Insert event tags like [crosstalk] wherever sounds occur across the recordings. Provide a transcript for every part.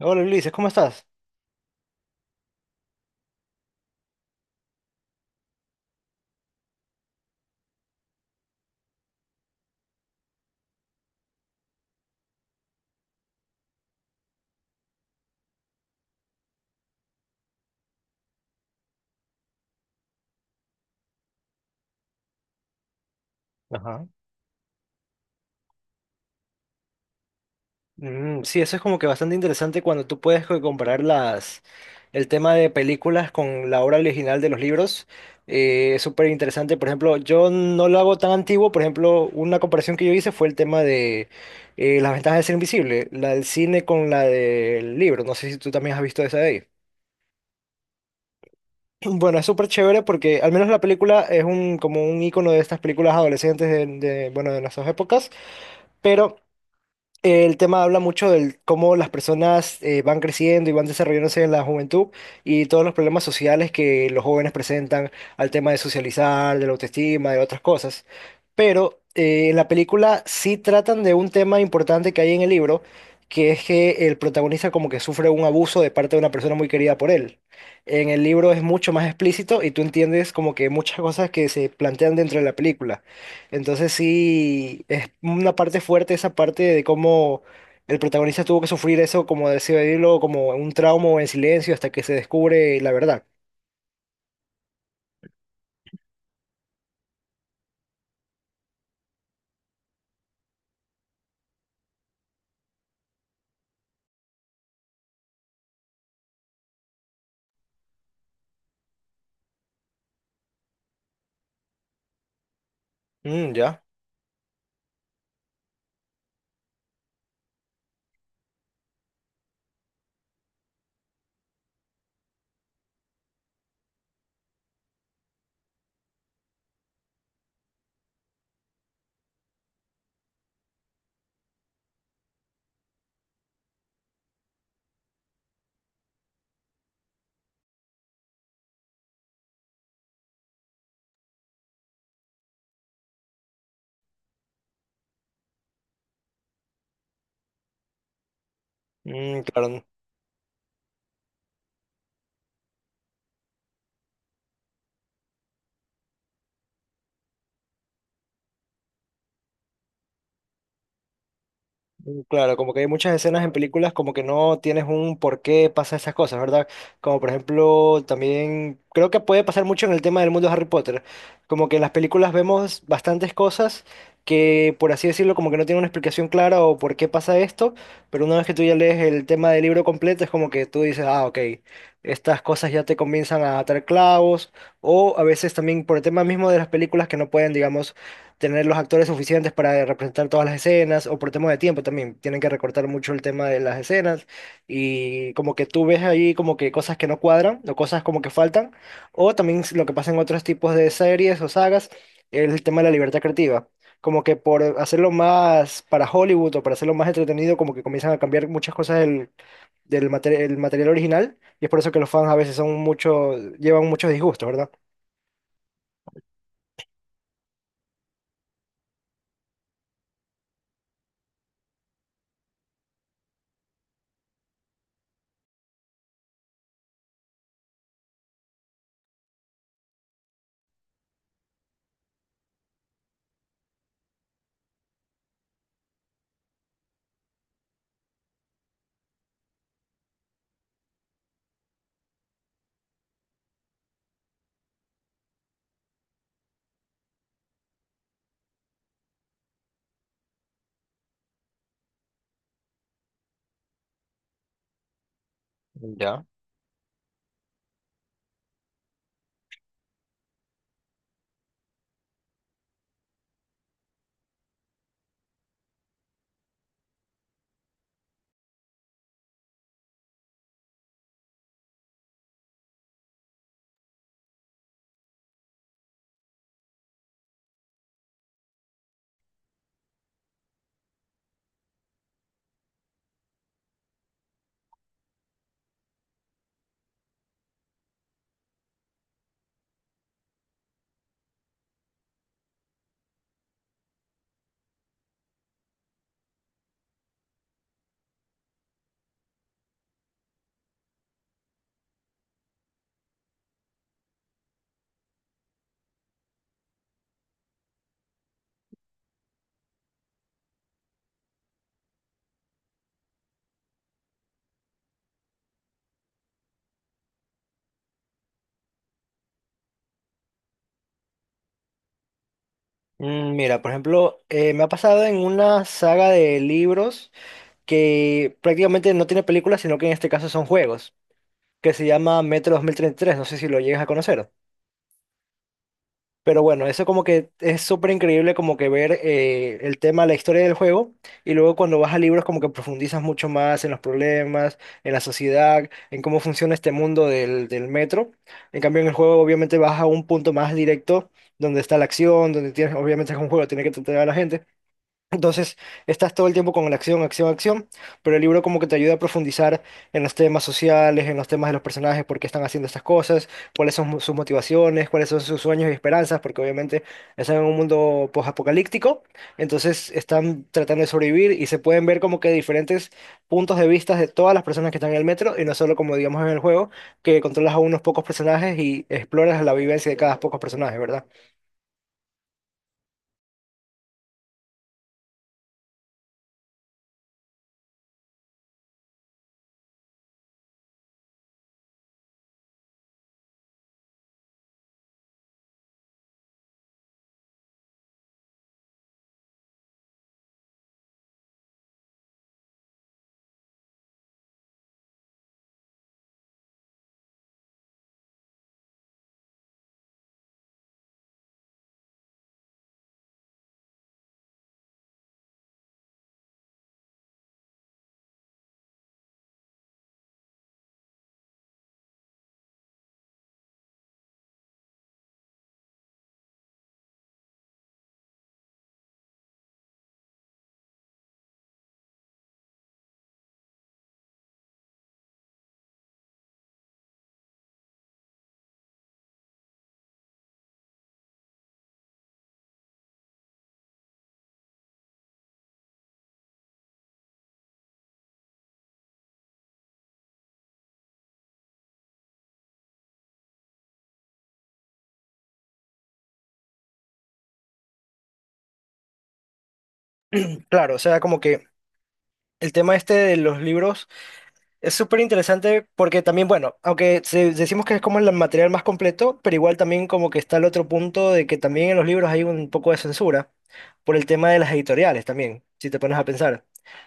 Hola Ulises, ¿cómo estás? Ajá. Mm, sí, eso es como que bastante interesante cuando tú puedes comparar las, el tema de películas con la obra original de los libros. Es súper interesante. Por ejemplo, yo no lo hago tan antiguo. Por ejemplo, una comparación que yo hice fue el tema de las ventajas de ser invisible, la del cine con la del libro. No sé si tú también has visto esa de ahí. [clears throat] Bueno, es súper chévere porque al menos la película es un, como un icono de estas películas adolescentes bueno, de nuestras épocas, pero... El tema habla mucho de cómo las personas van creciendo y van desarrollándose en la juventud y todos los problemas sociales que los jóvenes presentan al tema de socializar, de la autoestima, de otras cosas. Pero en la película sí tratan de un tema importante que hay en el libro, que es que el protagonista como que sufre un abuso de parte de una persona muy querida por él. En el libro es mucho más explícito y tú entiendes como que muchas cosas que se plantean dentro de la película. Entonces sí, es una parte fuerte esa parte de cómo el protagonista tuvo que sufrir eso, como decirlo, como un trauma o en silencio hasta que se descubre la verdad. Mm, ya. Mm, claro. Mm, claro, como que hay muchas escenas en películas como que no tienes un por qué pasa esas cosas, ¿verdad? Como por ejemplo, también creo que puede pasar mucho en el tema del mundo de Harry Potter. Como que en las películas vemos bastantes cosas que, por así decirlo, como que no tienen una explicación clara o por qué pasa esto, pero una vez que tú ya lees el tema del libro completo, es como que tú dices, ah, ok, estas cosas ya te comienzan a atar clavos, o a veces también por el tema mismo de las películas que no pueden, digamos, tener los actores suficientes para representar todas las escenas, o por temas de tiempo también, tienen que recortar mucho el tema de las escenas, y como que tú ves ahí como que cosas que no cuadran, o cosas como que faltan, o también lo que pasa en otros tipos de series o sagas, es el tema de la libertad creativa. Como que por hacerlo más para Hollywood o para hacerlo más entretenido, como que comienzan a cambiar muchas cosas del, el material original, y es por eso que los fans a veces son mucho, llevan muchos disgustos, ¿verdad? Mm, mira, por ejemplo, me ha pasado en una saga de libros que prácticamente no tiene películas, sino que en este caso son juegos, que se llama Metro 2033, no sé si lo llegas a conocer. Pero bueno, eso como que es súper increíble como que ver el tema, la historia del juego, y luego cuando vas a libros como que profundizas mucho más en los problemas, en la sociedad, en cómo funciona este mundo del, del metro. En cambio, en el juego obviamente vas a un punto más directo donde está la acción, donde tienes, obviamente es un juego, tiene que tratar a la gente. Entonces, estás todo el tiempo con la acción, acción, acción, pero el libro como que te ayuda a profundizar en los temas sociales, en los temas de los personajes, por qué están haciendo estas cosas, cuáles son sus motivaciones, cuáles son sus sueños y esperanzas, porque obviamente están en un mundo posapocalíptico, entonces están tratando de sobrevivir y se pueden ver como que diferentes puntos de vista de todas las personas que están en el metro y no solo como digamos en el juego, que controlas a unos pocos personajes y exploras la vivencia de cada pocos personajes, ¿verdad? Claro, o sea, como que el tema este de los libros es súper interesante porque también, bueno, aunque decimos que es como el material más completo, pero igual también como que está el otro punto de que también en los libros hay un poco de censura por el tema de las editoriales también, si te pones a pensar.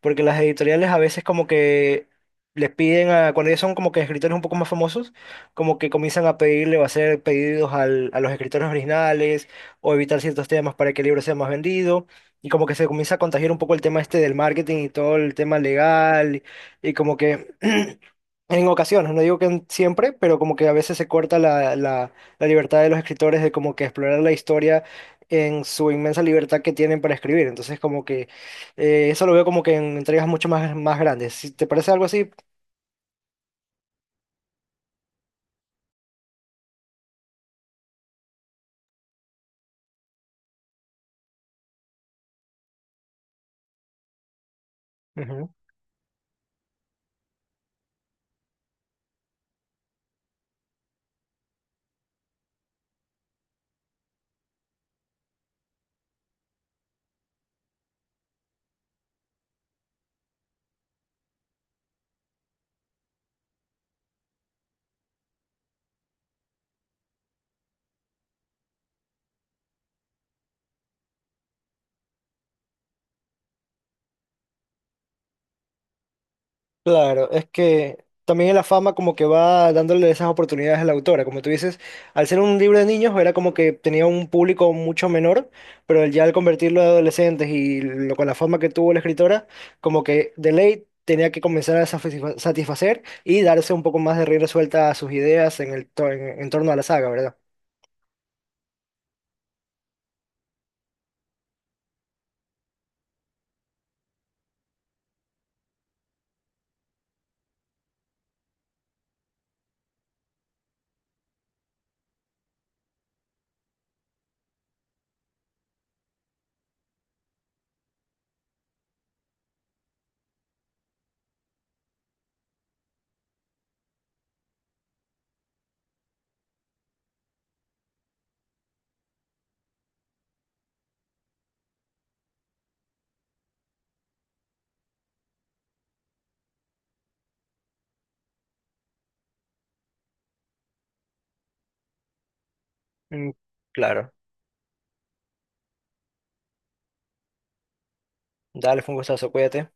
Porque las editoriales a veces como que les piden a, cuando ellos son como que escritores un poco más famosos, como que comienzan a pedirle o a hacer pedidos a los escritores originales o evitar ciertos temas para que el libro sea más vendido. Y como que se comienza a contagiar un poco el tema este del marketing y todo el tema legal y como que [clears throat] en ocasiones, no digo que siempre, pero como que a veces se corta la libertad de los escritores de como que explorar la historia en su inmensa libertad que tienen para escribir. Entonces como que eso lo veo como que en entregas mucho más, más grandes. ¿Si te parece algo así? Claro, es que también la fama como que va dándole esas oportunidades a la autora. Como tú dices, al ser un libro de niños era como que tenía un público mucho menor, pero ya al convertirlo a adolescentes y lo, con la fama que tuvo la escritora, como que de ley tenía que comenzar a satisfacer y darse un poco más de rienda suelta a sus ideas en el en torno a la saga, ¿verdad? Mm, claro. Dale, fue un gustazo, cuídate.